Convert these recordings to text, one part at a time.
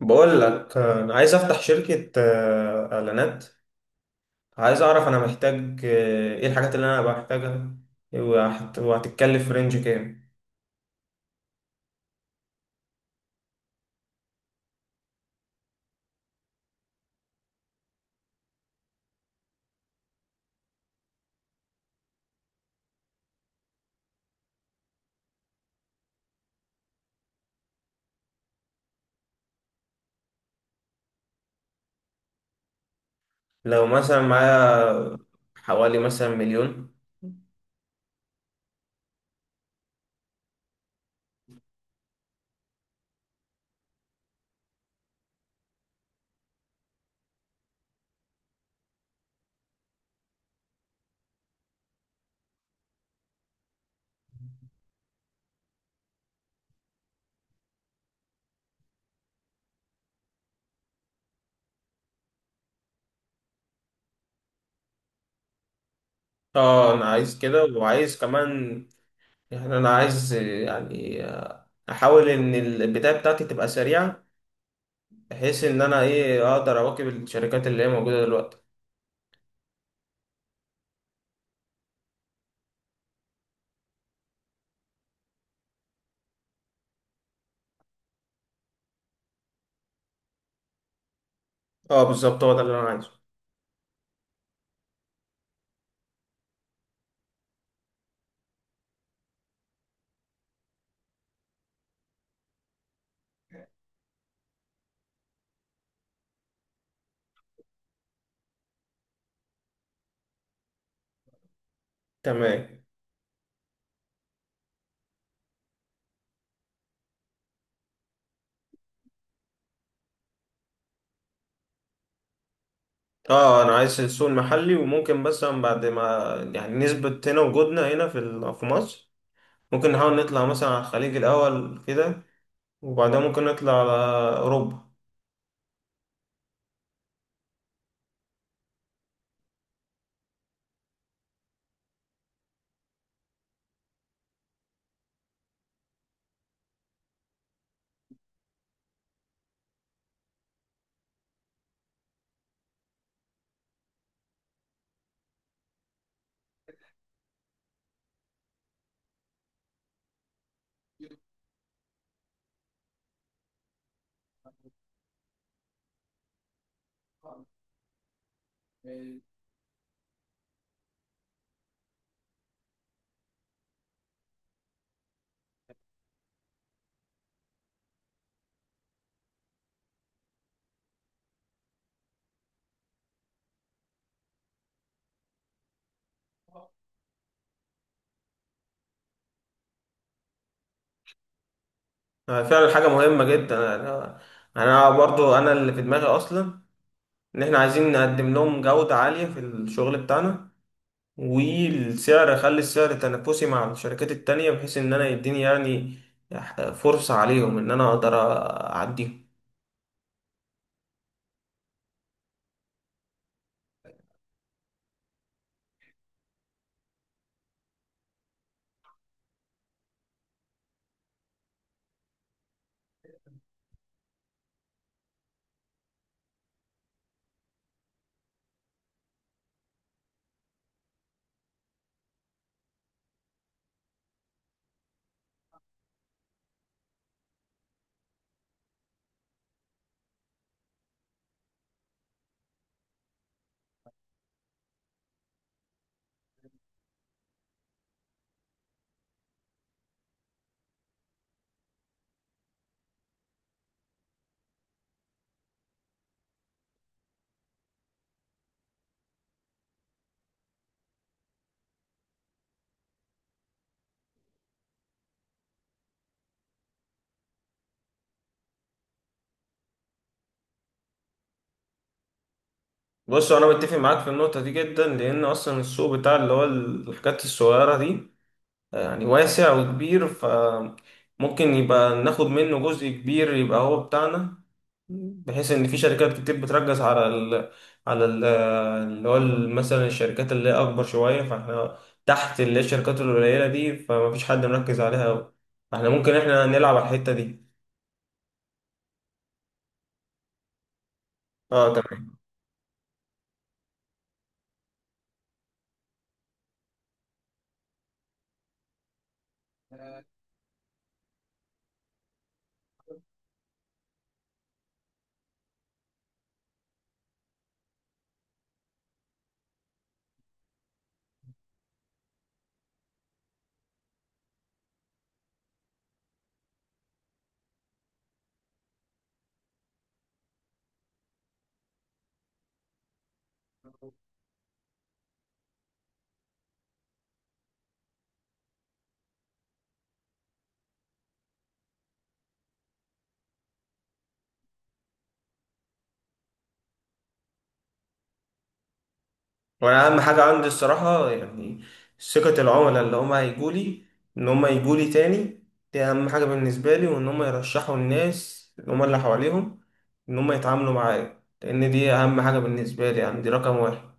بقول لك انا عايز افتح شركة اعلانات. عايز اعرف انا محتاج ايه الحاجات اللي انا بحتاجها، وهتتكلف في رينج كام؟ لو مثلا معايا حوالي مثلا مليون. اه، انا عايز كده وعايز كمان، يعني انا عايز احاول ان البداية بتاعتي تبقى سريعة بحيث ان انا ايه اقدر اواكب الشركات اللي هي موجودة دلوقتي. اه بالظبط هو ده اللي انا عايزه. تمام. اه انا عايز السوق المحلي وممكن مثلا بعد ما يعني نثبت هنا وجودنا هنا في مصر، ممكن نحاول نطلع مثلا على الخليج الاول كده، وبعدها ممكن نطلع على اوروبا. فعلا حاجه مهمه جدا. أنا برضو انا اللي في دماغي اصلا ان احنا عايزين نقدم لهم جوده عاليه في الشغل بتاعنا، والسعر اخلي السعر تنافسي مع الشركات التانية بحيث ان انا يديني يعني فرصه عليهم ان انا اقدر اعديهم. بص انا بتفق معاك في النقطه دي جدا لان اصلا السوق بتاع اللي هو الحاجات الصغيره دي يعني واسع وكبير، فممكن يبقى ناخد منه جزء كبير يبقى هو بتاعنا، بحيث ان في شركات كتير بتركز على ال على ال اللي هو ال- مثلا الشركات اللي هي اكبر شويه، فاحنا تحت اللي هي الشركات القليله دي فمفيش حد مركز عليها أوي. فاحنا ممكن نلعب على الحته دي. اه تمام. وانا اهم حاجه عندي الصراحه يعني ثقه العملاء اللي هم هيجوا لي، ان هم يجوا لي تاني، دي اهم حاجه بالنسبه لي، وان هم يرشحوا الناس اللي اللي حواليهم ان هم يتعاملوا معايا، لان دي اهم حاجه بالنسبه لي، يعني دي رقم واحد.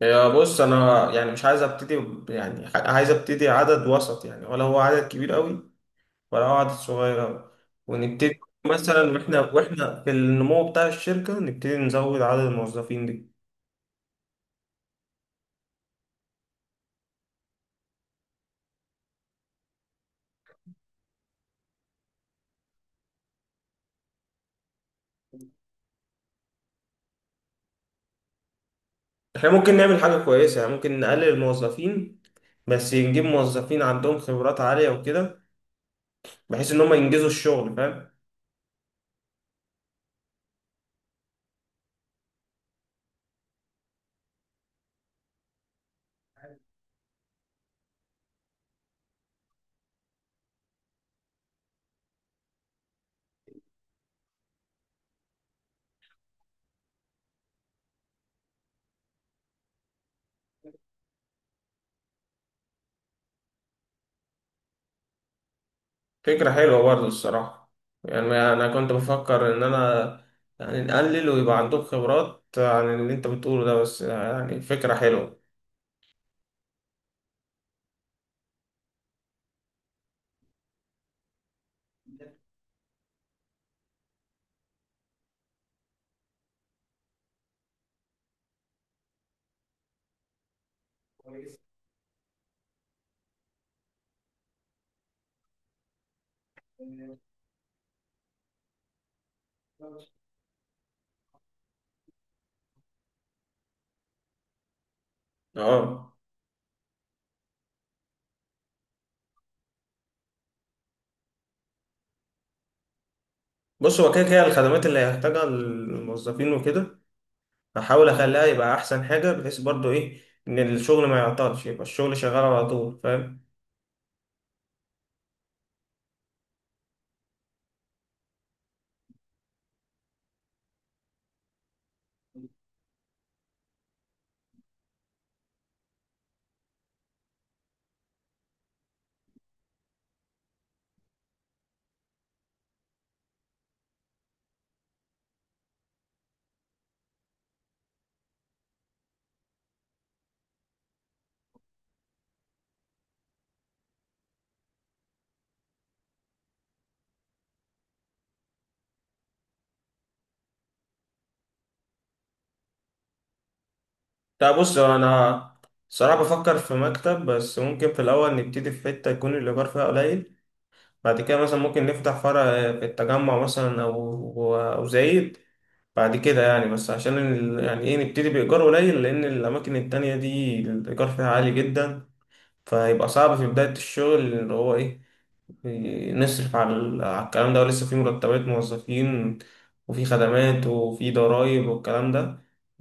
يا بص انا يعني مش عايز ابتدي ب- يعني ح- عايز ابتدي عدد وسط يعني، ولا هو عدد كبير قوي ولا هو عدد صغير قوي، ونبتدي مثلا واحنا في النمو بتاع الشركه نبتدي نزود عدد الموظفين دي. احنا ممكن نعمل حاجة كويسة، يعني ممكن نقلل الموظفين بس نجيب موظفين عندهم خبرات عالية وكده بحيث ان هم ينجزوا الشغل، فاهم؟ فكرة حلوة برضه الصراحة، يعني انا كنت بفكر ان انا يعني نقلل ويبقى عندهم خبرات عن اللي انت بتقوله ده، بس يعني فكرة حلوة. اه بص هو كده كده الخدمات اللي هيحتاجها الموظفين وكده هحاول اخليها يبقى احسن حاجة بحيث برضه ايه ان الشغل ما يعطلش، يبقى الشغل شغال على طول، فاهم؟ طيب بص انا صراحة بفكر في مكتب، بس ممكن في الاول نبتدي في حتة يكون الايجار فيها قليل، بعد كده مثلا ممكن نفتح فرع في التجمع مثلا او زايد بعد كده يعني، بس عشان يعني ايه نبتدي بايجار قليل لان الاماكن التانية دي الايجار فيها عالي جدا، فيبقى صعب في بداية الشغل اللي هو إيه نصرف على الكلام ده، ولسه في مرتبات موظفين وفي خدمات وفي ضرائب والكلام ده،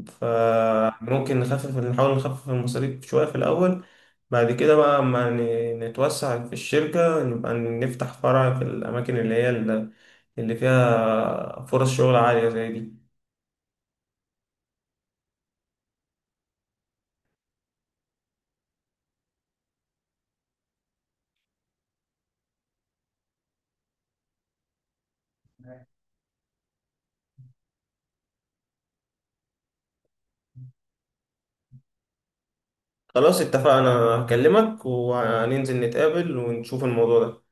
فممكن نحاول نخفف المصاريف شوية في الأول. بعد كده بقى أما نتوسع في الشركة نبقى نفتح فرع في الأماكن اللي هي اللي فيها فرص شغل عالية زي دي. خلاص اتفقنا، هكلمك وهننزل نتقابل ونشوف الموضوع ده.